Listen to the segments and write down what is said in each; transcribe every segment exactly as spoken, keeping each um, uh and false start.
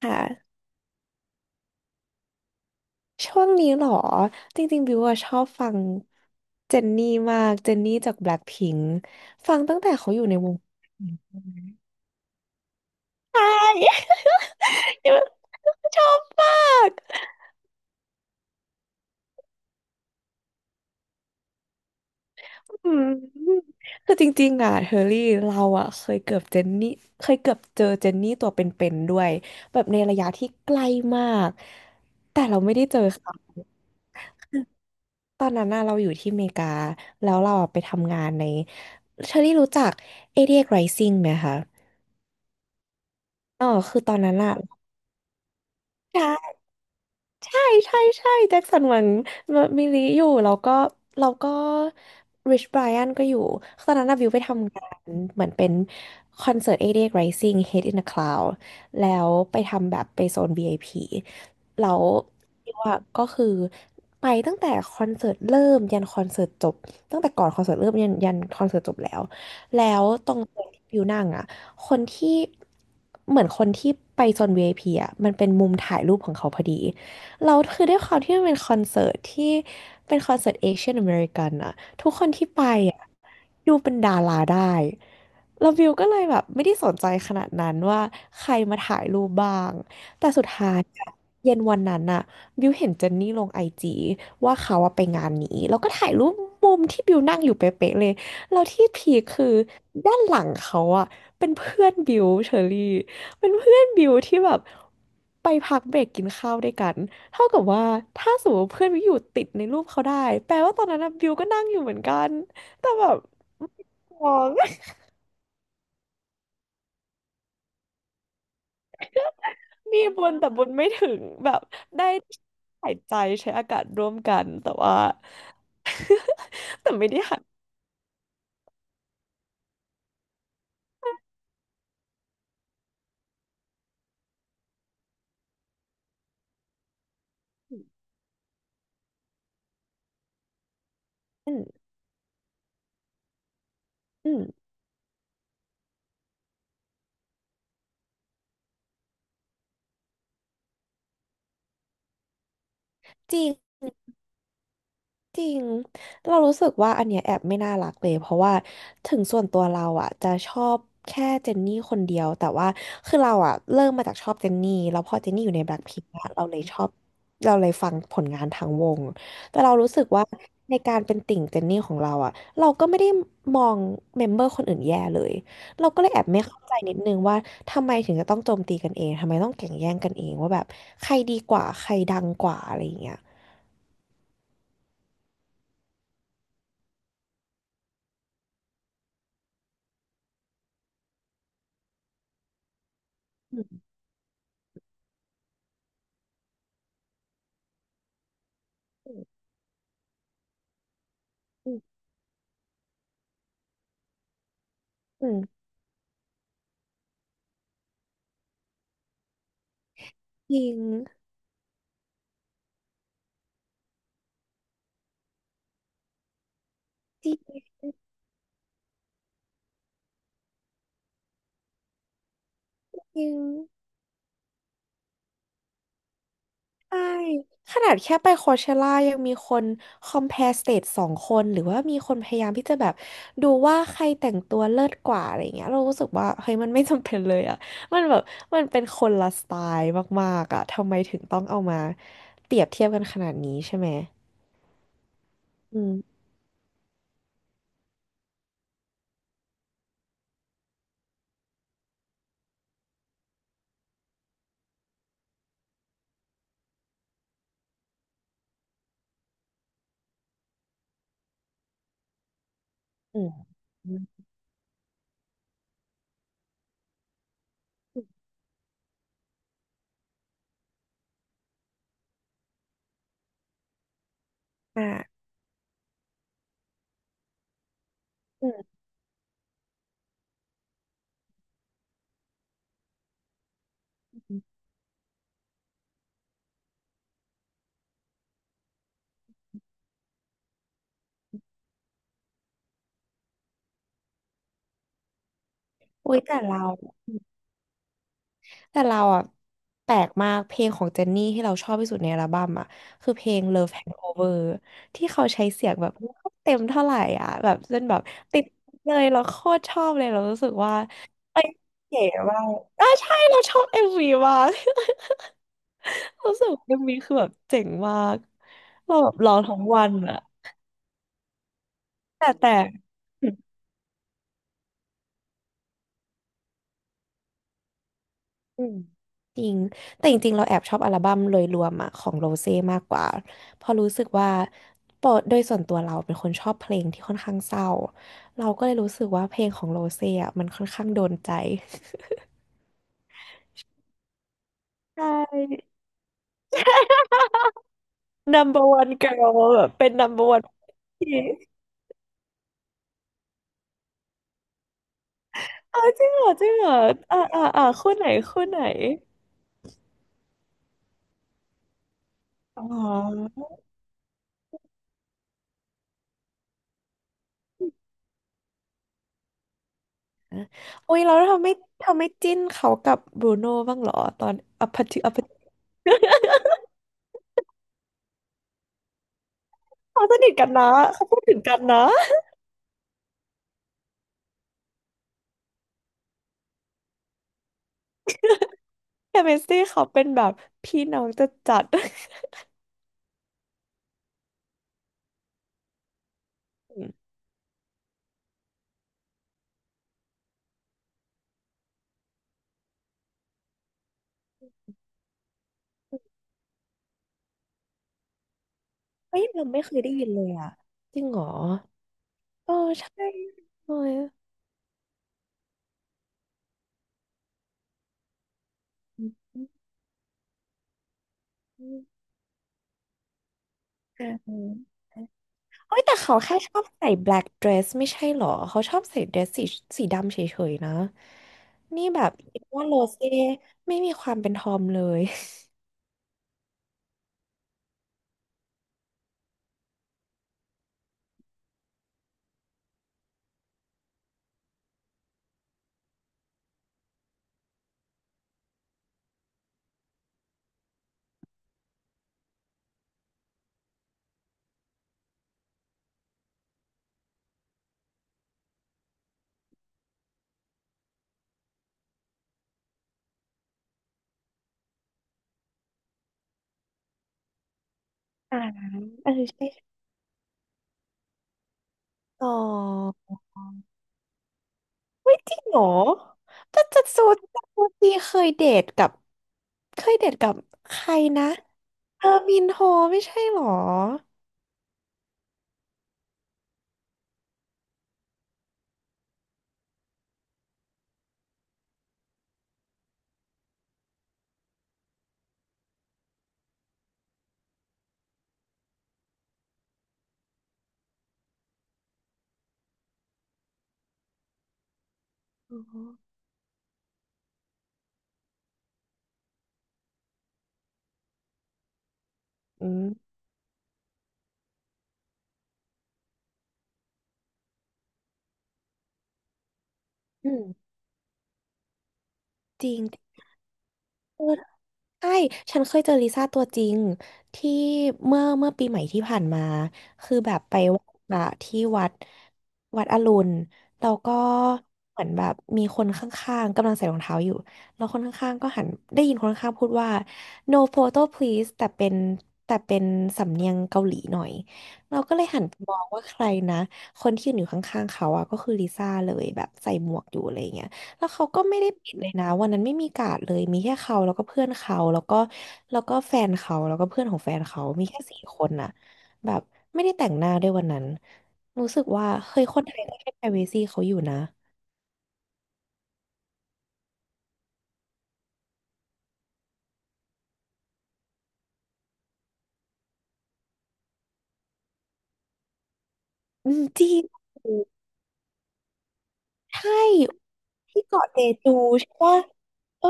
ค่ะช่วงนี้เหรอจริงๆบิวอะชอบฟังเจนนี่มากเจนนี่จากแบล็คพิงค์ฟังตั้งแต่เขาอยู่ในวงใช่ ชอบมากอืมคือจริงๆอ่ะเฮอรี่เราอ่ะเคยเกือบเจนนี่เคยเกือบเจอเจนนี่ตัวเป็นๆด้วยแบบในระยะที่ใกล้มากแต่เราไม่ได้เจอค่ะ ตอนนั้นน่ะเราอยู่ที่อเมริกาแล้วเราอะไปทำงานในเชอรี่รู้จักแปดสิบแปด Rising ไหมคะอ๋อคือตอนนั้นอะใช่ ใช่ ใช่แจ็คสันหวังมิลิอยู่แล้วก็แล้วก็ริชไบรอันก็อยู่ตอนนั้นน่ะวิวไปทำงานเหมือนเป็นคอนเสิร์ตแปดสิบแปด Rising Head in the Cloud แล้วไปทำแบบไปโซน วี ไอ พี แล้ววิวอะก็คือไปตั้งแต่คอนเสิร์ตเริ่มยันคอนเสิร์ตจบ ตั้งแต่ก่อนคอนเสิร์ตเริ่มยันยันคอนเสิร์ตจบแล้ว แล้วตรงโซนที่วิวนั่งอะคนที่เหมือนคนที่ไปโซน วี ไอ พี อพีอ่ะมันเป็นมุมถ่ายรูปของเขาพอดี เราคือด้วยความที่มันเป็นคอนเสิร์ตที่เป็นคอนเสิร์ตเอเชียนอเมริกันอะทุกคนที่ไปอะดูเป็นดาราได้แล้ววิวก็เลยแบบไม่ได้สนใจขนาดนั้นว่าใครมาถ่ายรูปบ้างแต่สุดท้ายอะเย็นวันนั้นอะบิวเห็นเจนนี่ลงไอจีว่าเขาอะไปงานนี้แล้วก็ถ่ายรูปมุมที่บิวนั่งอยู่เป๊ะๆเลยแล้วที่พีคคือด้านหลังเขาอะเป็นเพื่อนบิวเชอรี่เป็นเพื่อนบิวที่แบบไปพักเบรกกินข้าวด้วยกัน เท่ากับว่าถ้าสมมติเพื่อนวิวอยู่ติดในรูปเขาได้แปลว่าตอนนั้นนะวิวก็นั่งอยู่เหมือนกันแต่แบบมอง มีบุญแต่บุญไม่ถึงแบบได้หายใจใช้อากาศร่วมกันแต่ว่า แต่ไม่ได้หันอืมอืมจริง จริง เรารู้สึกว่าอันเนี้ยแอบไม่น่ารักเลยเพราะว่าถึงส่วนตัวเราอ่ะจะชอบแค่เจนนี่คนเดียวแต่ว่าคือเราอ่ะเริ่มมาจากชอบเจนนี่แล้วพอเจนนี่อยู่ในแบล็คพิงค์เราเลยชอบเราเลยฟังผลงานทางวงแต่เรารู้สึกว่าในการเป็นติ่งเจนนี่ของเราอ่ะเราก็ไม่ได้มองเมมเบอร์คนอื่นแย่เลยเราก็เลยแอบไม่เข้าใจนิดนึงว่าทำไมถึงจะต้องโจมตีกันเองทำไมต้องแข่งแย่งกันเองว่าแบบใครดีกว่าใครดังกว่าอะไรอย่างเงี้ยอืมอืมอืม จริงจริงจริงใช่ขนาดแค่ไปโคเชล่ายังมีคนคอม p พ r e สเตทสองคนหรือว่ามีคนพยายามที่จะแบบดูว่าใครแต่งตัวเลิศกว่าอะไรเงี้ยเรารู้สึกว่าเฮ้ยมันไม่จำเป็นเลยอ่ะมันแบบมันเป็นคนละสไตล์มากๆอ่ะทำไมถึงต้องเอามาเปรียบเทียบกันขนาดนี้ใช่ไหมอืมอืมอมอ่ะอืมอุ้ยแต่เรา แต่เราอ่ะแปลกมากเพลงของเจนนี่ที่เราชอบที่สุดในอัลบั้มอ่ะคือเพลง Love Hangover ที่เขาใช้เสียงแบบไม่ค่อยเต็มเท่าไหร่อ่ะแบบเล่นแบบติดเลยเราโคตรชอบเลยเรารู้สึกว่าเก๋มากอ่ะใช่เราชอบเอ็มวีมาก รู้สึกว่าเอ็มวีคือแบบเจ๋งมากเราแบบร้องทั้งวันอ่ะแต่แต่ อืมจริงแต่จริงๆเราแอบชอบอัลบั้มโดยรวมอะของโรเซ่มากกว่าเพราะรู้สึกว่าปอโดยส่วนตัวเราเป็นคนชอบเพลงที่ค่อนข้างเศร้าเราก็เลยรู้สึกว่าเพลงของโรเซ่อะมันค่อนข้างโดนใจ ใช่ number one girl แบบเป็น number one ที่อ้าวจริงเหรอจริงเหรออ่าอ่าอ่าคู่ไหนคู่ไหนอ๋ออุ้ยเราทำไม่ทำไม่จิ้นเขากับบรูโน่บ้างเหรอตอนอพพทิอพพทิเขาสนิทกันนะเขาพูดถึงกันนะ แต่เมสซี่เขาเป็นแบบพี่น้องจะจัด ๆอืมเฮ้ยเราไม่เคยได้ยินเลยอ่ะจริงเหรอเออใช่เลยอ้ยเออเอ้ยแต่เขาแค่ชอบใส่ black dress ไม่ใช่เหรอเขาชอบใส่เดรสสีสีดำเฉยๆนะนี่แบบคิดว่าโรเซ่ไม่มีความเป็นทอมเลยอ่าเออใช่อ๋อ จริงเหรอแต่จัดซูจัดซูจีเคยเดทกับเคยเดทกับใครนะ เออมินโฮไม่ใช่เหรออ๋ออืมอืมจริง ใช่ ฉันเคยเจอลิซ่าตัวจริงที่เมื่อเมื่อปีใหม่ที่ผ่านมาคือแบบไปไหว้พระที่วัดวัดอรุณแล้วก็เหมือนแบบมีคนข้างๆกำลังใส่รองเท้าอยู่แล้วคนข้างๆก็หันได้ยินคนข้างๆพูดว่า no photo please แต่เป็นแต่เป็นสำเนียงเกาหลีหน่อยเราก็เลยหันไปมองว่าใครนะคนที่ยืนอยู่ข้างๆเขาอะก็คือลิซ่าเลยแบบใส่หมวกอยู่อะไรอย่างเงี้ย แล้วเขาก็ไม่ได้ปิดเลยนะวันนั้นไม่มีการ์ดเลยมีแค่เขาแล้วก็เพื่อนเขาแล้วก็แล้วก็แฟนเขาแล้วก็เพื่อนของแฟนเขามีแค่สี่คนน่ะแบบไม่ได้แต่งหน้าด้วยวันนั้นรู้สึกว่าเฮ้ยคนไทยก็ให้ privacy เขาอยู่นะอืมจริงใช่ที่เกาะเจจูใช่ปะเออ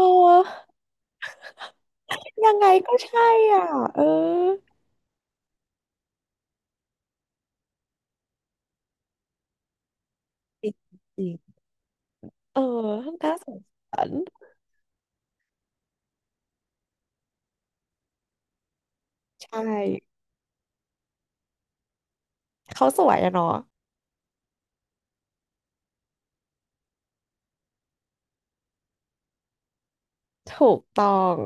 ยังไงก็ใช่อ่ะเออจริงจริงเออน่าสงสารใช่เขาสวยอะเนาะถูกต้อง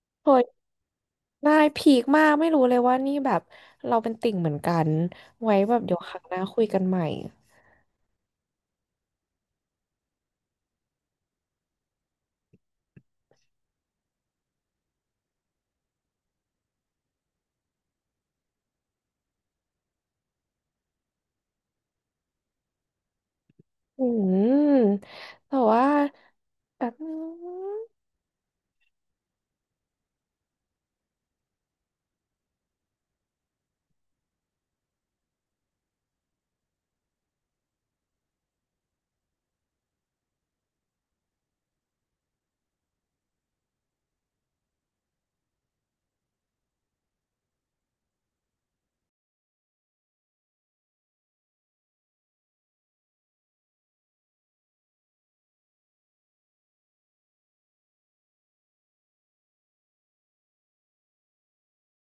โอ้ย ได้พีคมากไม่รู้เลยว่านี่แบบเราเป็นติ่งเหมือนกันไว้แบบเดี๋ยวครั้งหน้าคุยกันใหม่อืมแต่ว่าแบบนึง